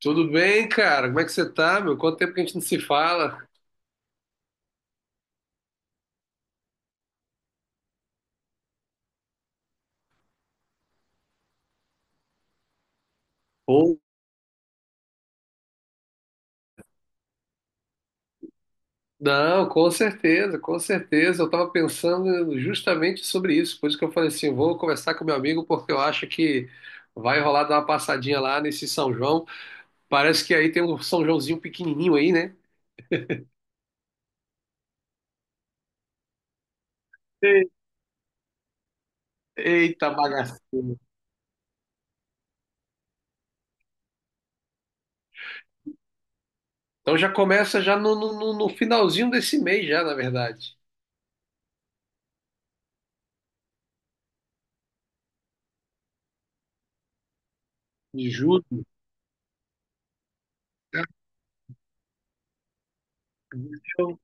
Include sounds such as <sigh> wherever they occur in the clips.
Tudo bem, cara? Como é que você tá, meu? Quanto tempo que a gente não se fala? Ou não, com certeza, com certeza. Eu tava pensando justamente sobre isso, por isso que eu falei assim, vou conversar com meu amigo porque eu acho que vai rolar dar uma passadinha lá nesse São João. Parece que aí tem um São Joãozinho pequenininho aí, né? E- Eita bagaceiro. Então já começa já no finalzinho desse mês já, na verdade. De julho, já, julho,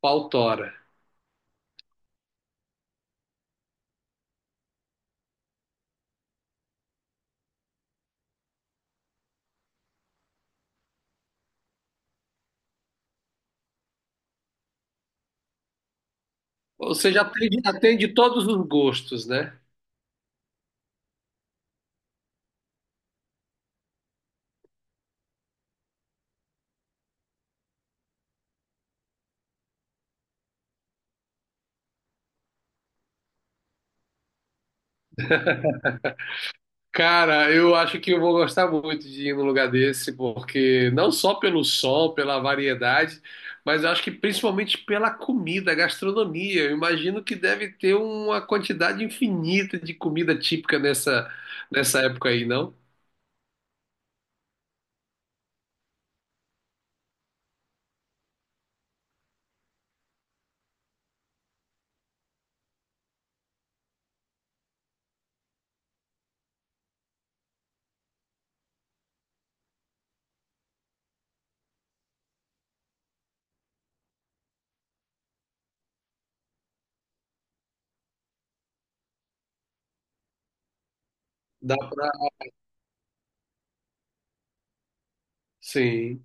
pautora. Ou seja, atende todos os gostos, né? Cara, eu acho que eu vou gostar muito de ir num lugar desse, porque não só pelo sol, pela variedade, mas eu acho que principalmente pela comida, gastronomia. Eu imagino que deve ter uma quantidade infinita de comida típica nessa época aí, não? Dá pra. Sim.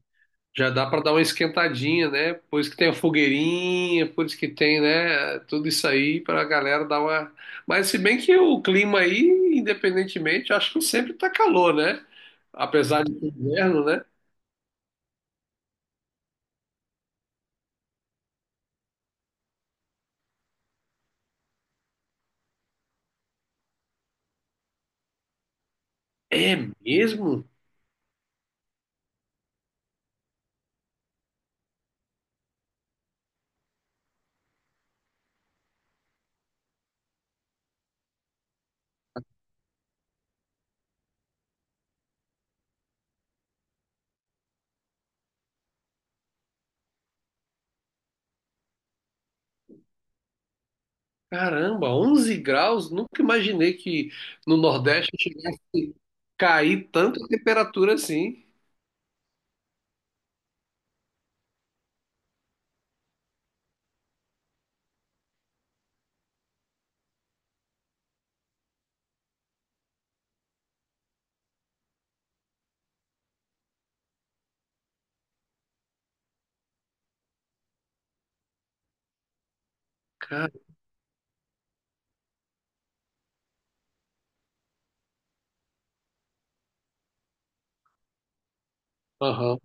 Já dá para dar uma esquentadinha, né? Por isso que tem a fogueirinha, por isso que tem, né? Tudo isso aí para a galera dar uma. Mas se bem que o clima aí, independentemente, eu acho que sempre tá calor, né? Apesar de ser inverno, né? É mesmo? Caramba, 11 graus? Nunca imaginei que no Nordeste chegasse a cair tanto a temperatura assim. Cara, aham.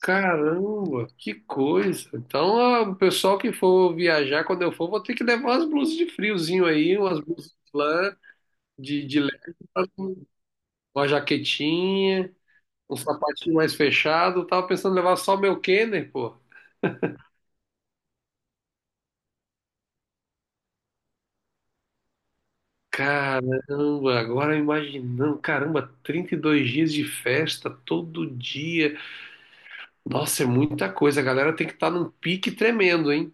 Caramba, que coisa. Então, ah, o pessoal que for viajar, quando eu for, vou ter que levar umas blusas de friozinho aí, umas blusas de lã, de leve, uma jaquetinha, um sapatinho mais fechado. Eu tava pensando em levar só meu Kenner, pô. Caramba, agora imaginando, caramba, 32 dias de festa todo dia. Nossa, é muita coisa. A galera tem que estar num pique tremendo, hein?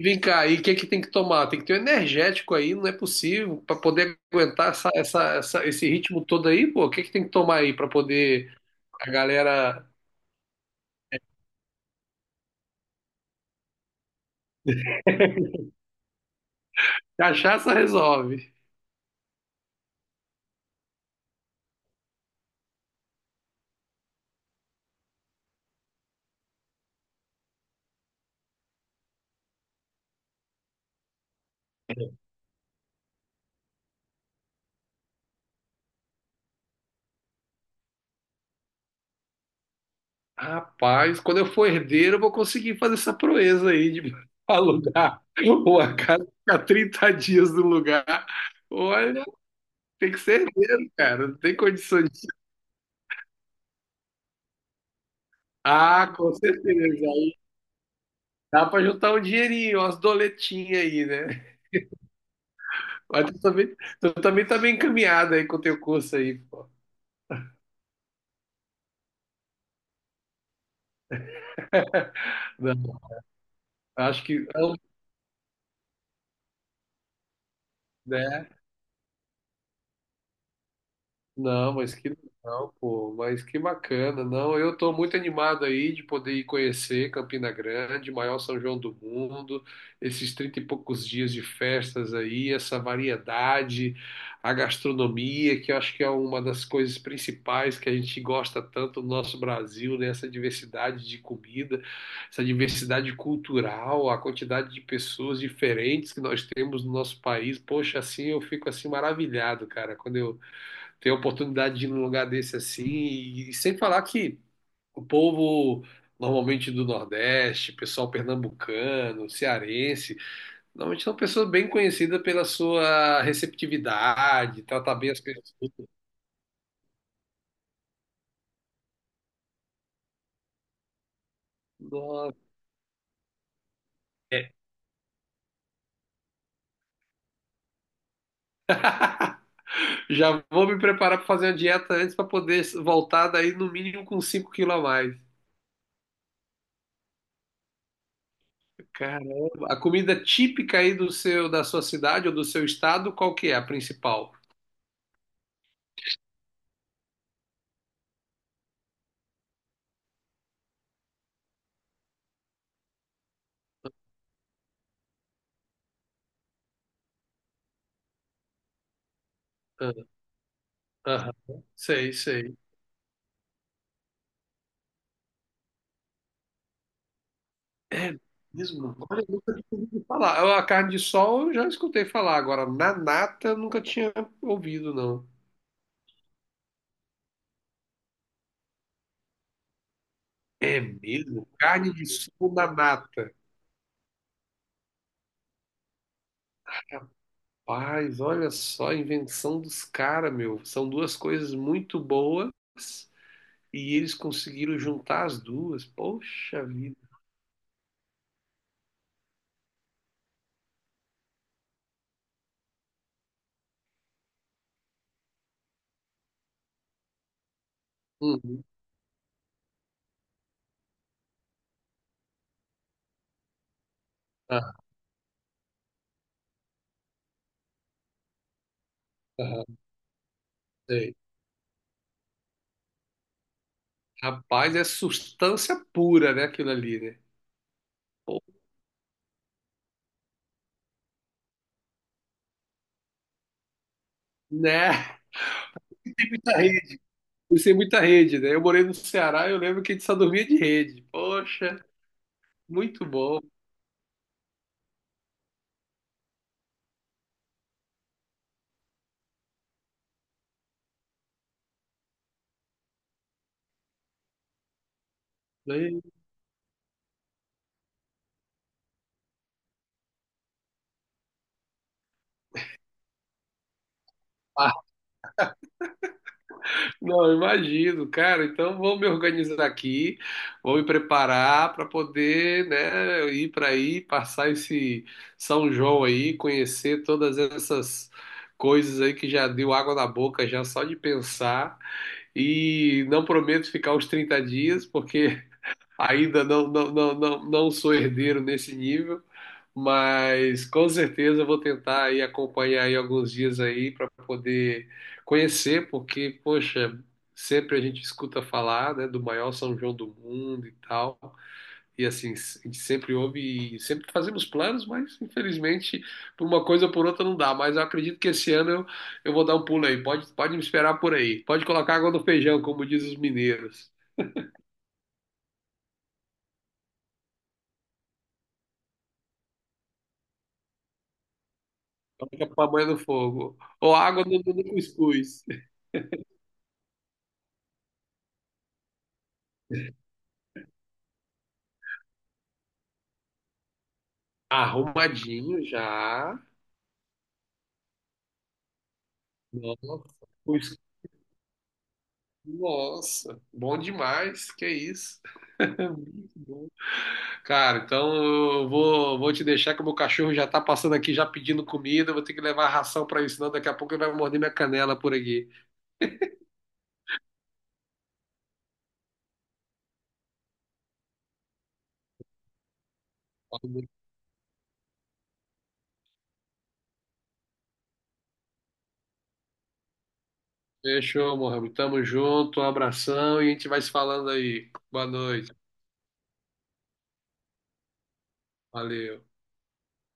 Vem cá, e o que é que tem que tomar? Tem que ter um energético aí, não é possível, para poder aguentar essa, essa, esse ritmo todo aí, pô. O que é que tem que tomar aí para poder a galera. <laughs> Cachaça resolve. Rapaz, quando eu for herdeiro, eu vou conseguir fazer essa proeza aí de <laughs> alugar uma casa, ficar 30 dias no lugar. Olha, tem que ser herdeiro, cara, não tem condições. Ah, com certeza. Aí dá para juntar um dinheirinho, umas doletinhas aí, né? Mas tu também tá bem encaminhado aí com o teu curso aí, pô. <laughs> Não, acho que, né? Não, mas que legal, pô, mas que bacana. Não, eu tô muito animado aí de poder ir conhecer Campina Grande, maior São João do mundo, esses trinta e poucos dias de festas aí, essa variedade, a gastronomia, que eu acho que é uma das coisas principais que a gente gosta tanto no nosso Brasil, né? Essa diversidade de comida, essa diversidade cultural, a quantidade de pessoas diferentes que nós temos no nosso país. Poxa, assim eu fico assim maravilhado, cara, quando eu ter a oportunidade de ir num lugar desse assim, e sem falar que o povo normalmente do Nordeste, pessoal pernambucano, cearense, normalmente são pessoas bem conhecidas pela sua receptividade, tratar bem as pessoas. Nossa, é. <laughs> Já vou me preparar para fazer uma dieta antes para poder voltar daí no mínimo com 5 quilos a mais. Caramba, a comida típica aí da sua cidade ou do seu estado, qual que é a principal? Ah, aham. Sei, sei. É mesmo? Olha, eu nunca tinha ouvido falar. A carne de sol eu já escutei falar. Agora, na nata eu nunca tinha ouvido, não. É mesmo? Carne de sol na nata. Paz, olha só a invenção dos caras, meu. São duas coisas muito boas e eles conseguiram juntar as duas. Poxa vida. Uhum. Ah, ah, sei. Rapaz, é substância pura, né, aquilo ali, né? Pô, né? <laughs> Fui sem muita rede, né? Eu morei no Ceará, eu lembro que a gente só dormia de rede. Poxa, muito bom. Né? Ah, não, eu imagino, cara. Então vou me organizar aqui, vou me preparar para poder, né, ir para aí, passar esse São João aí, conhecer todas essas coisas aí que já deu água na boca já só de pensar. E não prometo ficar os 30 dias, porque <laughs> ainda não, não, não, não, não sou herdeiro nesse nível. Mas com certeza eu vou tentar aí acompanhar aí alguns dias aí para poder conhecer, porque, poxa, sempre a gente escuta falar, né, do maior São João do mundo e tal. E assim, a gente sempre ouve e sempre fazemos planos, mas infelizmente por uma coisa ou por outra não dá. Mas eu acredito que esse ano eu vou dar um pulo aí. Pode me esperar por aí. Pode colocar água no feijão, como diz os mineiros. Coloca a pamonha no fogo. Ou água no, cuscuz. Arrumadinho já. Nossa, pois- nossa, bom demais, que isso. <laughs> Muito bom. Cara, então eu vou te deixar que o meu cachorro já tá passando aqui, já pedindo comida, eu vou ter que levar a ração pra ele, senão daqui a pouco ele vai morder minha canela por aqui. Fechou, Mohamed. Tamo junto, um abração e a gente vai se falando aí. Boa noite. Valeu.